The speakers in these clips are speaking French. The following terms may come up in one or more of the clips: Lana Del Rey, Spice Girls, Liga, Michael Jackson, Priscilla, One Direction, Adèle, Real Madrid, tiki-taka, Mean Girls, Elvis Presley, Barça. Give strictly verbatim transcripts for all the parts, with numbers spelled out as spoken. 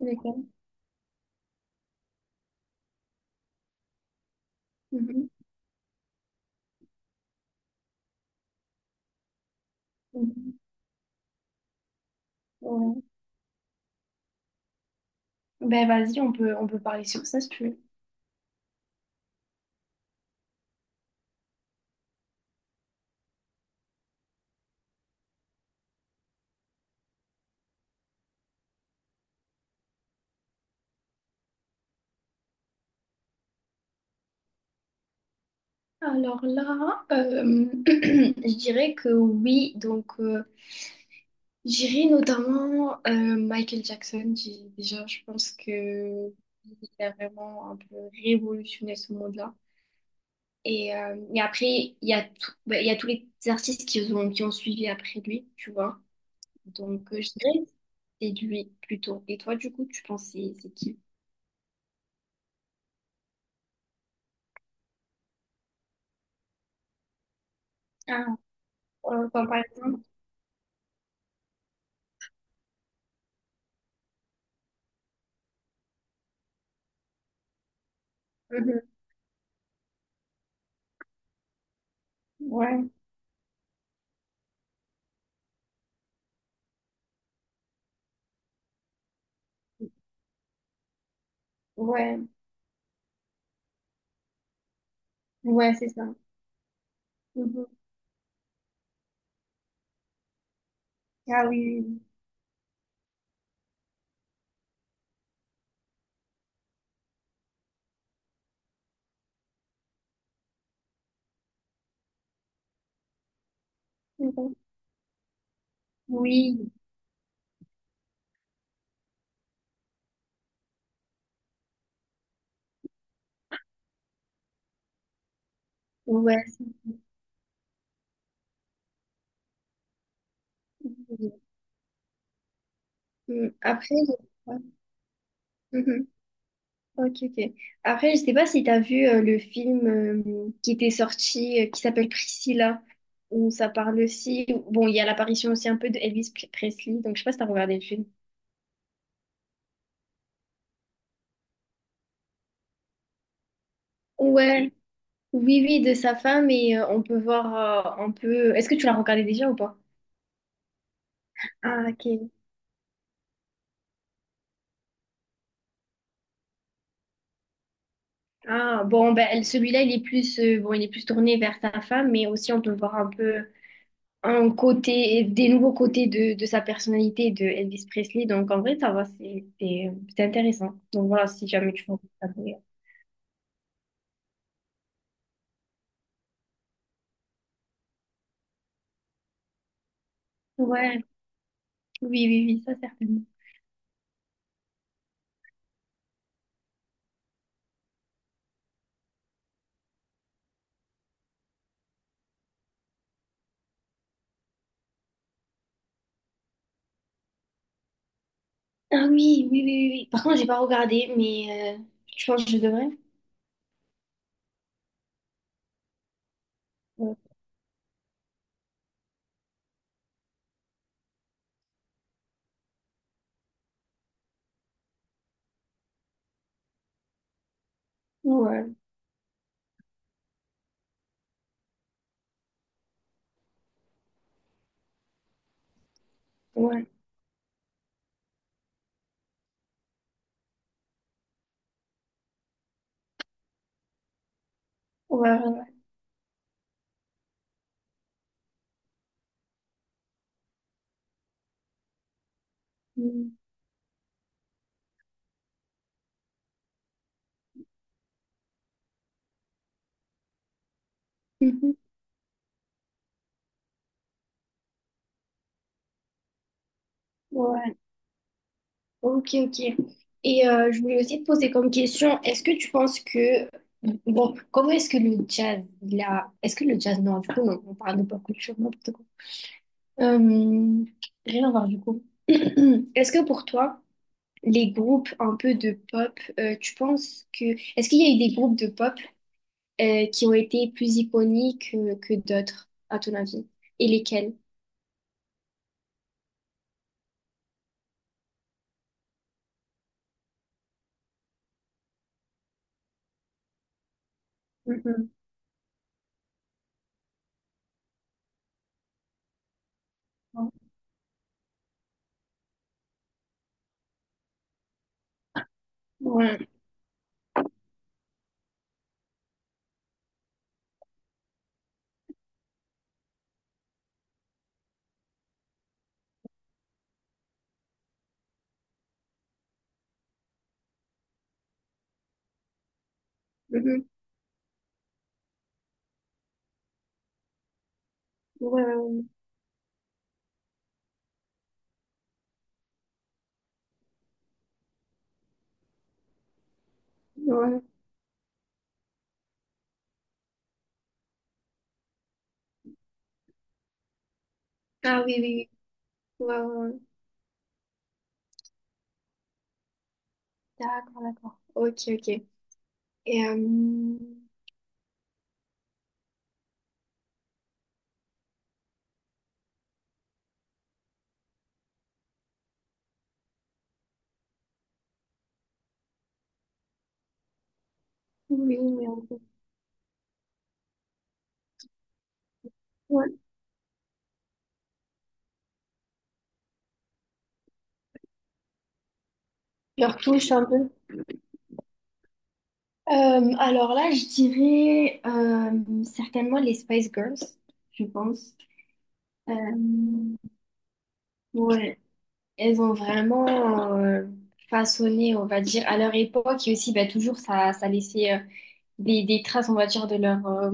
D'accord. Mhm. Mhm. Ouais. Ben vas-y, on peut, on peut parler sur ça si tu veux. Alors là, euh, je dirais que oui, donc euh, j'irai notamment euh, Michael Jackson. J'ai- Déjà, je pense que il a vraiment un peu révolutionné ce monde-là. Et, euh, et après, il y a tout- ben, il y a tous les artistes qui ont, qui ont suivi après lui, tu vois. Donc, euh, je dirais que c'est lui plutôt. Et toi, du coup, tu penses c'est c'est qui? Ah, euh, comme par exemple. Mhm. Ouais, ouais, ouais, c'est ça. Mhm. Ah oui, oui, oui, Mhm. Oui, ouais. Mm. Après, je... Ouais. Mhm. Ok, ok. Après, je sais pas si tu as vu euh, le film euh, qui était sorti, euh, qui s'appelle Priscilla, où ça parle aussi. Bon, il y a l'apparition aussi un peu de Elvis Pre- Presley, donc je sais pas si t'as regardé le film. Ouais, oui, oui, de sa femme, et euh, on peut voir euh, un peu. Est-ce que tu l'as regardé déjà ou pas? Ah, ok. Ah, bon, ben, celui-là, il est plus, euh, bon, il est plus tourné vers sa femme, mais aussi on peut voir un peu un côté, des nouveaux côtés de, de sa personnalité de Elvis Presley. Donc, en vrai, ça va, c'est c'est- c'est intéressant. Donc, voilà, si jamais tu veux regarder. Ouais, oui, oui, oui, ça, certainement. Ah oui, oui, oui, oui. Oui. Par contre, j'ai pas regardé, mais euh, je pense que je devrais. Ouais, ouais, ouais, ouais. Ouais. Mm. Mhm. Ouais. Ok, ok. Et euh, je voulais aussi te poser comme question, est-ce que tu penses que, bon, comment est-ce que le jazz, il a, est-ce que le jazz, non, du coup, non, on parle de pop culture, n'importe quoi. Euh, rien à voir, du coup. Est-ce que pour toi, les groupes un peu de pop, euh, tu penses que, est-ce qu'il y a eu des groupes de pop euh, qui ont été plus iconiques euh, que, d'autres, à ton avis? Et lesquels? Mhm. Ouais. Mhm. Ouais, ouais, ouais. Ah oui, oui, oui. Ouais, ouais, ouais. D'accord, d'accord. Ok, ok. Et euh, oui, mais on peut- ouais, leur touche un peu. Euh, alors là, je dirais euh, certainement les Spice Girls, je pense. Euh, ouais, elles ont vraiment euh, façonné, on va dire, à leur époque et aussi bah, toujours ça, ça laissait euh, des, des traces, on va dire, de leur euh,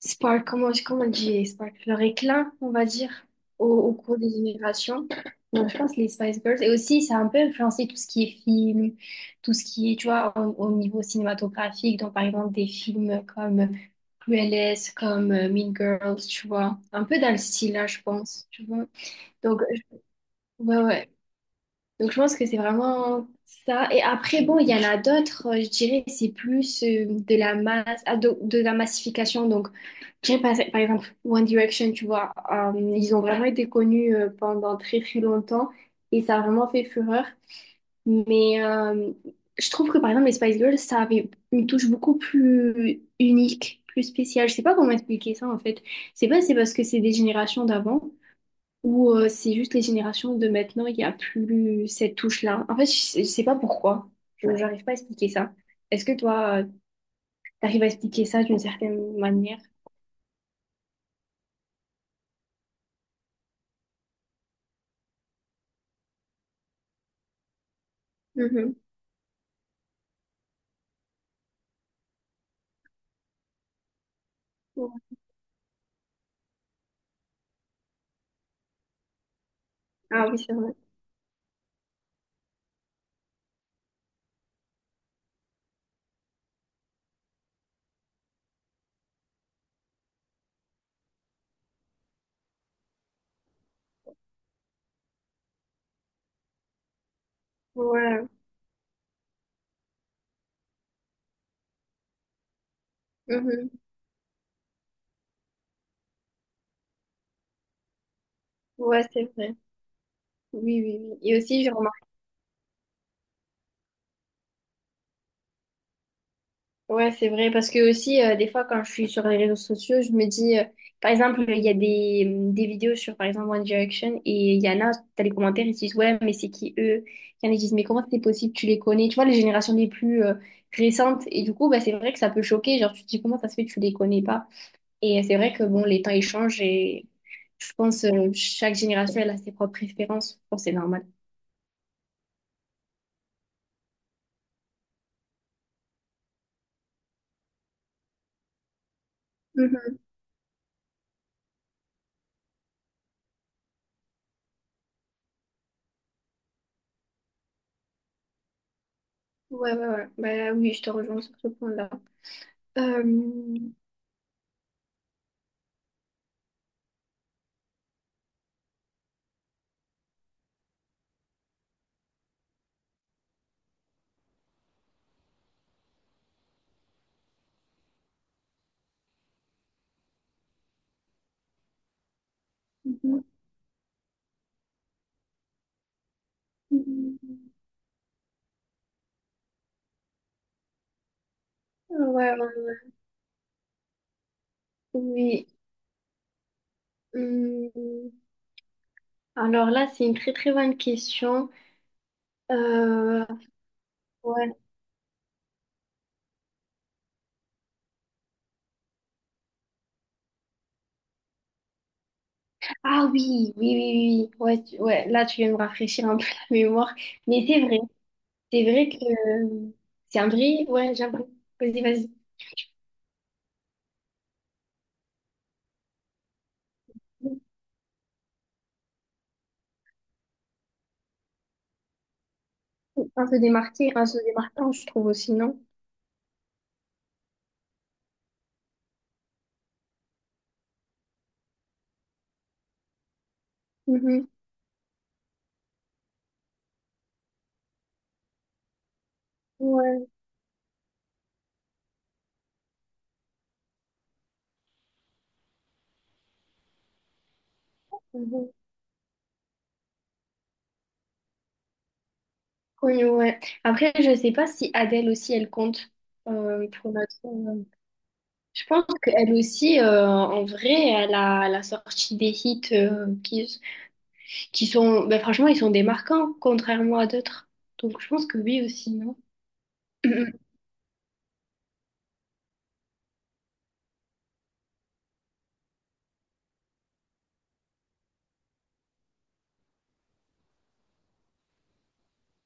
spark, comment, comment on dit spark, leur éclat, on va dire, au, au cours des générations. Donc, je pense les Spice Girls. Et aussi, ça a un peu influencé tout ce qui est film, tout ce qui est, tu vois, au, au niveau cinématographique. Donc, par exemple, des films comme Cruelest, comme euh, Mean Girls, tu vois. Un peu dans le style, là, je pense, tu vois. Donc, je- ouais, ouais. Donc je pense que c'est vraiment ça. Et après, bon, il y en a d'autres, euh, je dirais, c'est plus euh, de la masse, ah, de, de la massification. Donc, je dirais par, par exemple One Direction, tu vois, euh, ils ont vraiment été connus euh, pendant très très longtemps et ça a vraiment fait fureur. Mais euh, je trouve que par exemple les Spice Girls, ça avait une touche beaucoup plus unique, plus spéciale. Je sais pas comment expliquer ça en fait. C'est pas si c'est parce que c'est des générations d'avant. Ou euh, c'est juste les générations de maintenant, il n'y a plus cette touche-là. En fait, je sais je sais pas pourquoi. Je n'arrive pas à expliquer ça. Est-ce que toi, tu arrives à expliquer ça d'une certaine manière? Mhm. Ouais. Ah oui, c'est vrai. Ouais. Mhm. Ouais, c'est vrai. Oui, oui, oui. Et aussi, genre, ouais, c'est vrai, parce que aussi, euh, des fois, quand je suis sur les réseaux sociaux, je me dis, euh, par exemple, il y a des, mm, des vidéos sur, par exemple, One Direction, et il y en a, t'as les commentaires, ils disent, ouais, mais c'est qui eux? Il y en a qui disent, mais comment c'est possible, tu les connais? Tu vois, les générations les plus euh, récentes, et du coup, bah, c'est vrai que ça peut choquer, genre, tu te dis, comment ça se fait, que tu les connais pas? Et c'est vrai que, bon, les temps, ils changent, et je pense, euh, chaque génération, elle a ses propres préférences, je pense que c'est normal. Mhm. Ouais, ouais, ouais. Bah oui, je te rejoins sur ce point-là. Euh, mhm. Ouais, ouais, oui. Hum, alors là, c'est une très très bonne question. Euh, ouais. Ah oui, oui, oui, oui. Ouais, tu- ouais, là, tu viens de me rafraîchir un peu la mémoire. Mais c'est vrai, c'est vrai que euh, c'est un vrai. Ouais, j'avoue. Vas-y, vas-y. Un se démarquer, un se démarquant, je trouve aussi, non? Mhm. Ouais. Mhm. Oui, ouais. Après, je sais pas si Adèle aussi, elle compte euh, pour notre. Je pense qu'elle aussi, euh, en vrai, elle a, elle a sorti des hits euh, qui, qui sont, ben franchement, ils sont démarquants, contrairement à d'autres. Donc je pense que oui aussi, non?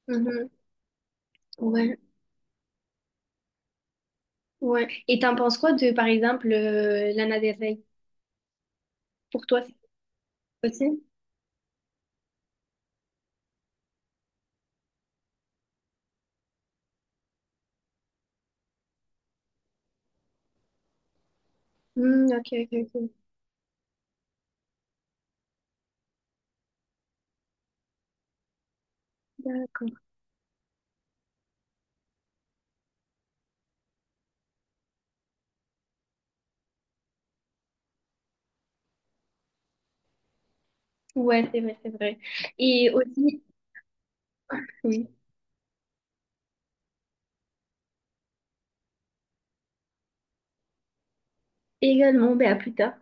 Mhm. Ouais, ouais. Et t'en penses quoi de, par exemple, euh, Lana Del Rey? Pour toi, c'est possible? Hmm, ok, ok, ok. D'accord. Ouais, c'est vrai, c'est vrai. Et aussi, oui, également, ben à plus tard.